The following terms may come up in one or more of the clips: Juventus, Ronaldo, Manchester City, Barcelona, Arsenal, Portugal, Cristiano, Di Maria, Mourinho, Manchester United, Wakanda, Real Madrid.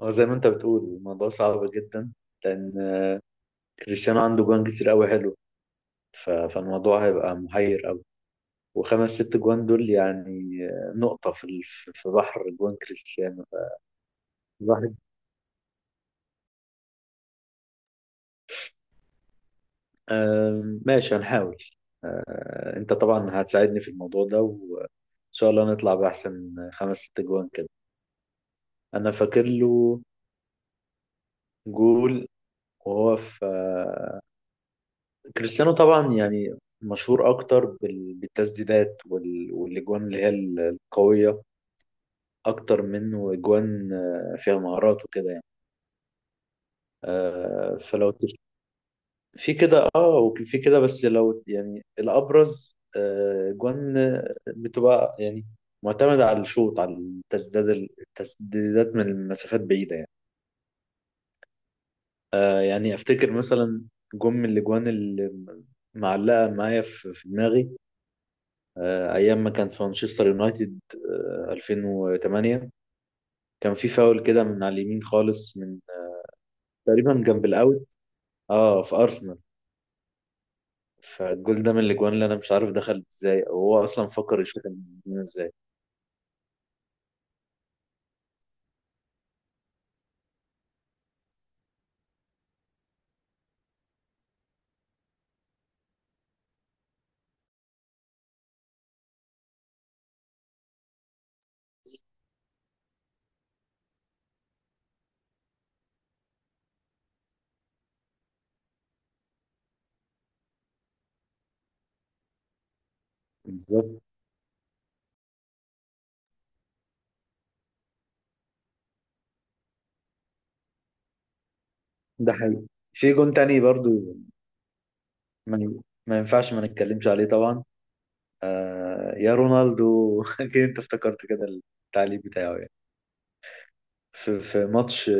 اه، زي ما انت بتقول الموضوع صعب جدا لان كريستيانو عنده جوان كتير قوي حلو. فالموضوع هيبقى محير قوي، وخمس ست جوان دول يعني نقطة في بحر جوان كريستيانو الواحد. ماشي، هنحاول. انت طبعا هتساعدني في الموضوع ده، وان شاء الله نطلع بأحسن خمس ست جوان كده. انا فاكر له جول وهو في، كريستيانو طبعا يعني مشهور اكتر بالتسديدات والاجوان اللي هي القويه اكتر منه اجوان فيها مهارات وكده يعني. فلو في كده اه، وفي كده، بس لو يعني الابرز اجوان بتبقى يعني معتمدة على الشوط، على التسديدات، التسديدات من المسافات بعيدة يعني. يعني افتكر مثلا جم من الاجوان اللي معلقة معايا في دماغي، ايام ما كان في مانشستر يونايتد. 2008 كان في فاول كده من على اليمين خالص، من تقريبا جنب الاوت، اه، في ارسنال. فالجول ده من الاجوان اللي انا مش عارف دخل ازاي، او هو اصلا فكر يشوط الجون ازاي. بالظبط. ده حقيقي. في جون تاني برضو، ما ما ينفعش ما نتكلمش عليه طبعا. آه يا رونالدو أكيد انت افتكرت كده. التعليق بتاعه يعني في، في ماتش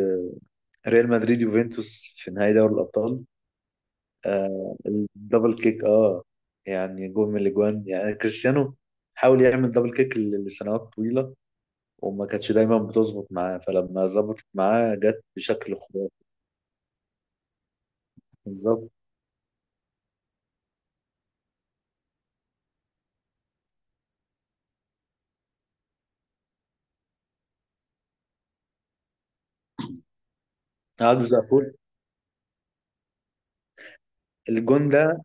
ريال مدريد يوفنتوس في نهائي دوري الابطال. آه، الدبل كيك، اه. يعني جول من الاجوان، يعني كريستيانو حاول يعمل دبل كيك لسنوات طويله، وما كانتش دايما بتظبط معاه، فلما ظبطت معاه جت بشكل خرافي. بالظبط، قعدوا زقفول. الجون ده،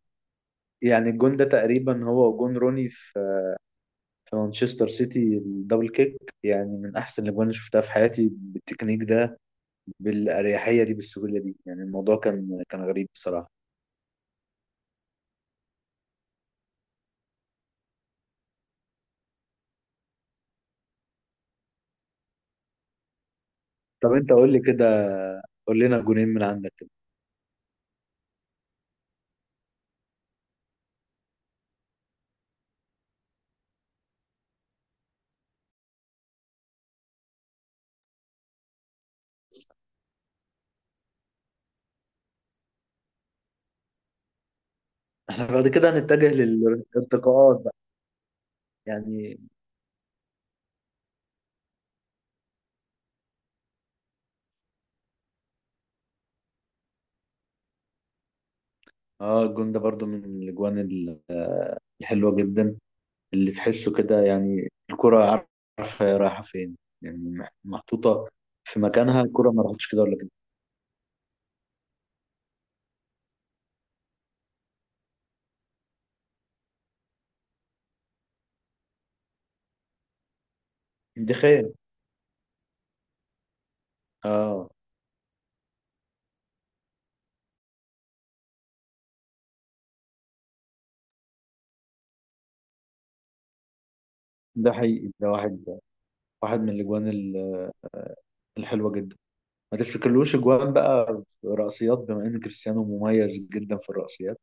يعني الجون ده تقريبا هو جون روني في مانشستر سيتي، الدبل كيك. يعني من احسن الاجوان اللي شفتها في حياتي، بالتكنيك ده، بالاريحيه دي، بالسهوله دي، يعني الموضوع كان كان غريب بصراحه. طب انت قول لي كده، قول لنا جونين من عندك. احنا بعد كده هنتجه للارتقاءات بقى، يعني. اه، الجون ده برضو من الاجوان الحلوه جدا، اللي تحسه كده، يعني الكره عارفه هي رايحه فين، يعني محطوطه في مكانها. الكره ما راحتش كده ولا كده، دي خيال. اه، ده حقيقي. ده واحد، واحد من الاجوان الحلوه جدا. ما تفتكرلوش اجوان بقى في رأسيات، بما ان كريستيانو مميز جدا في الرأسيات؟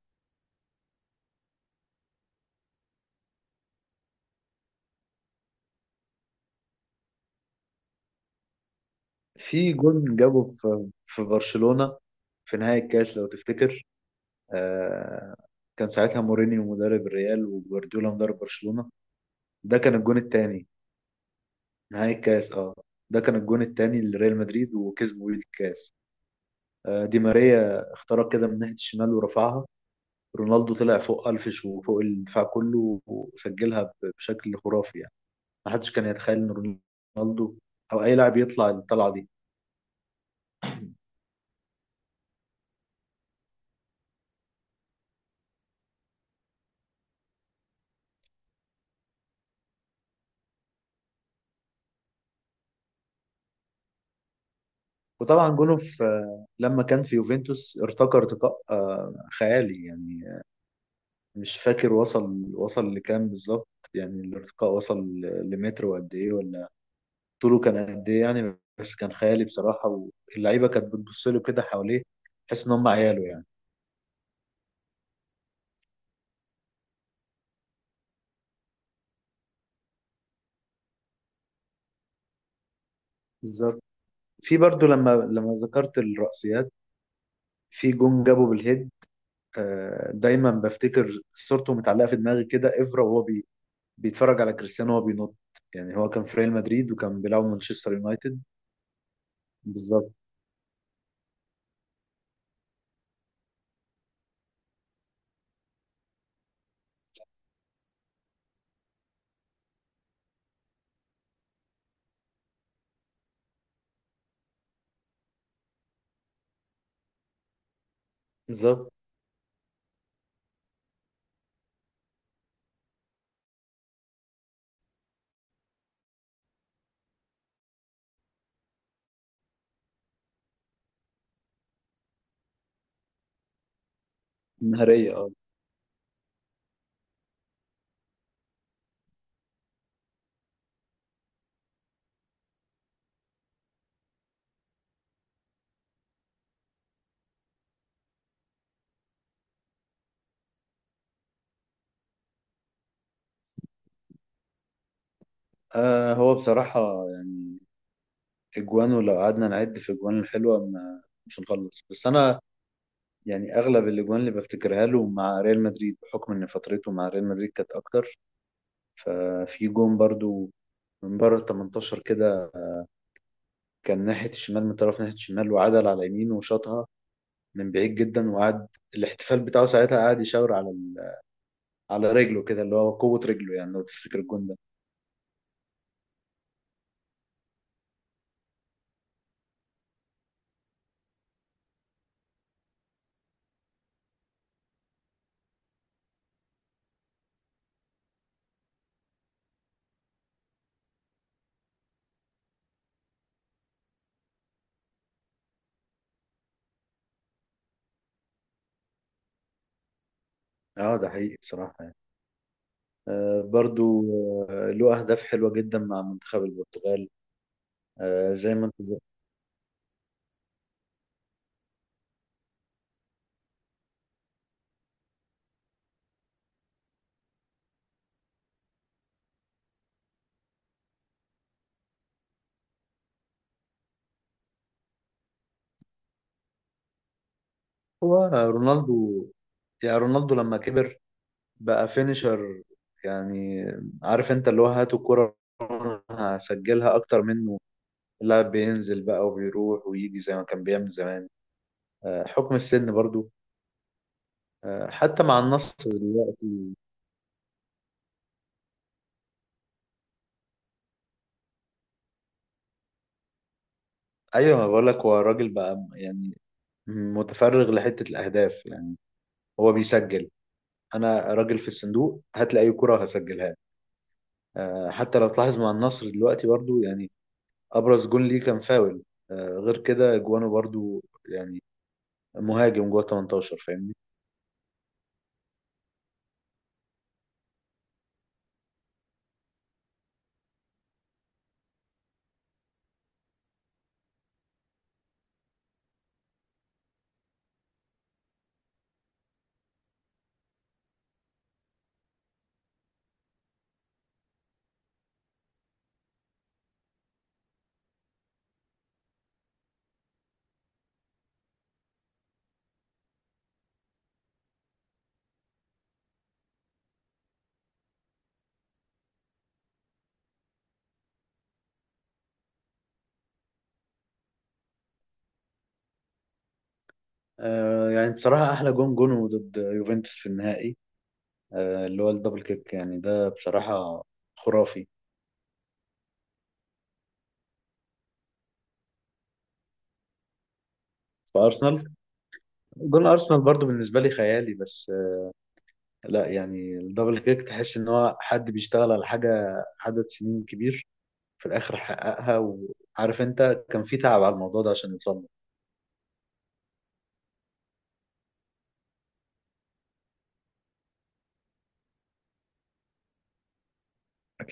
في جون جابه في برشلونه، في نهايه الكاس لو تفتكر. آه، كان ساعتها مورينيو مدرب الريال وجوارديولا مدرب برشلونة، ده كان الجون التاني. نهائي الكاس، اه. ده كان الجون التاني لريال مدريد، وكسبوا بيه الكاس. دي ماريا اخترق كده من ناحية الشمال ورفعها، رونالدو طلع فوق ألفش وفوق الدفاع كله وسجلها بشكل خرافي يعني. محدش كان يتخيل إن رونالدو أو أي لاعب يطلع الطلعة دي. وطبعا جونه في لما كان في يوفنتوس، ارتقى ارتقاء خيالي يعني. مش فاكر وصل، وصل لكام بالظبط، يعني الارتقاء وصل لمتر وقد ايه، ولا طوله كان قد ايه يعني، بس كان خيالي بصراحة. واللعيبة كانت بتبص له كده حواليه، تحس ان هم عياله يعني. بالظبط. في برضو لما، لما ذكرت الرأسيات، في جون جابه بالهيد. دايما بفتكر صورته متعلقة في دماغي كده، افرا وهو بي، بيتفرج على كريستيانو وهو بينط. يعني هو كان في ريال مدريد وكان بيلعب مانشستر يونايتد. بالظبط. بالظبط. نهارية، اه. هو بصراحة يعني اجوان، ولو قعدنا نعد في اجوان الحلوه ما، مش هنخلص. بس انا يعني اغلب الاجوان اللي بفتكرها له مع ريال مدريد، بحكم ان فترته مع ريال مدريد كانت اكتر. ففي جون برضو من بره ال 18 كده، كان ناحيه الشمال، من طرف ناحيه الشمال، وعدل على يمينه وشاطها من بعيد جدا. وقعد الاحتفال بتاعه ساعتها، قعد يشاور على ال، على رجله كده، اللي هو قوه رجله يعني. لو تفتكر الجون ده. اه، ده حقيقي بصراحه يعني. آه، برضو، آه، له اهداف حلوه جدا مع منتخب البرتغال. آه، زي ما انت، هو رونالدو، يعني رونالدو لما كبر بقى فينيشر. يعني عارف انت، اللي هو هات الكرة وأنا هسجلها اكتر منه. اللاعب بينزل بقى وبيروح ويجي زي ما كان بيعمل زمان. حكم السن برضو. حتى مع النصر دلوقتي. ايوه، ما بقول لك، هو الراجل بقى يعني متفرغ لحتة الاهداف. يعني هو بيسجل، انا راجل في الصندوق، هات لي اي كرة هسجلها. حتى لو تلاحظ مع النصر دلوقتي برضو، يعني ابرز جون ليه كان فاول. غير كده جوانه برضو يعني مهاجم جوه 18، فاهمني. يعني بصراحة احلى جون جونه ضد يوفنتوس في النهائي، اللي هو الدبل كيك. يعني ده بصراحة خرافي. فارسنال، جون ارسنال برضو بالنسبة لي خيالي، بس لا يعني الدبل كيك تحس ان هو حد بيشتغل على حاجة عدد سنين كبير، في الاخر حققها. وعارف انت كان في تعب على الموضوع ده عشان يوصل له.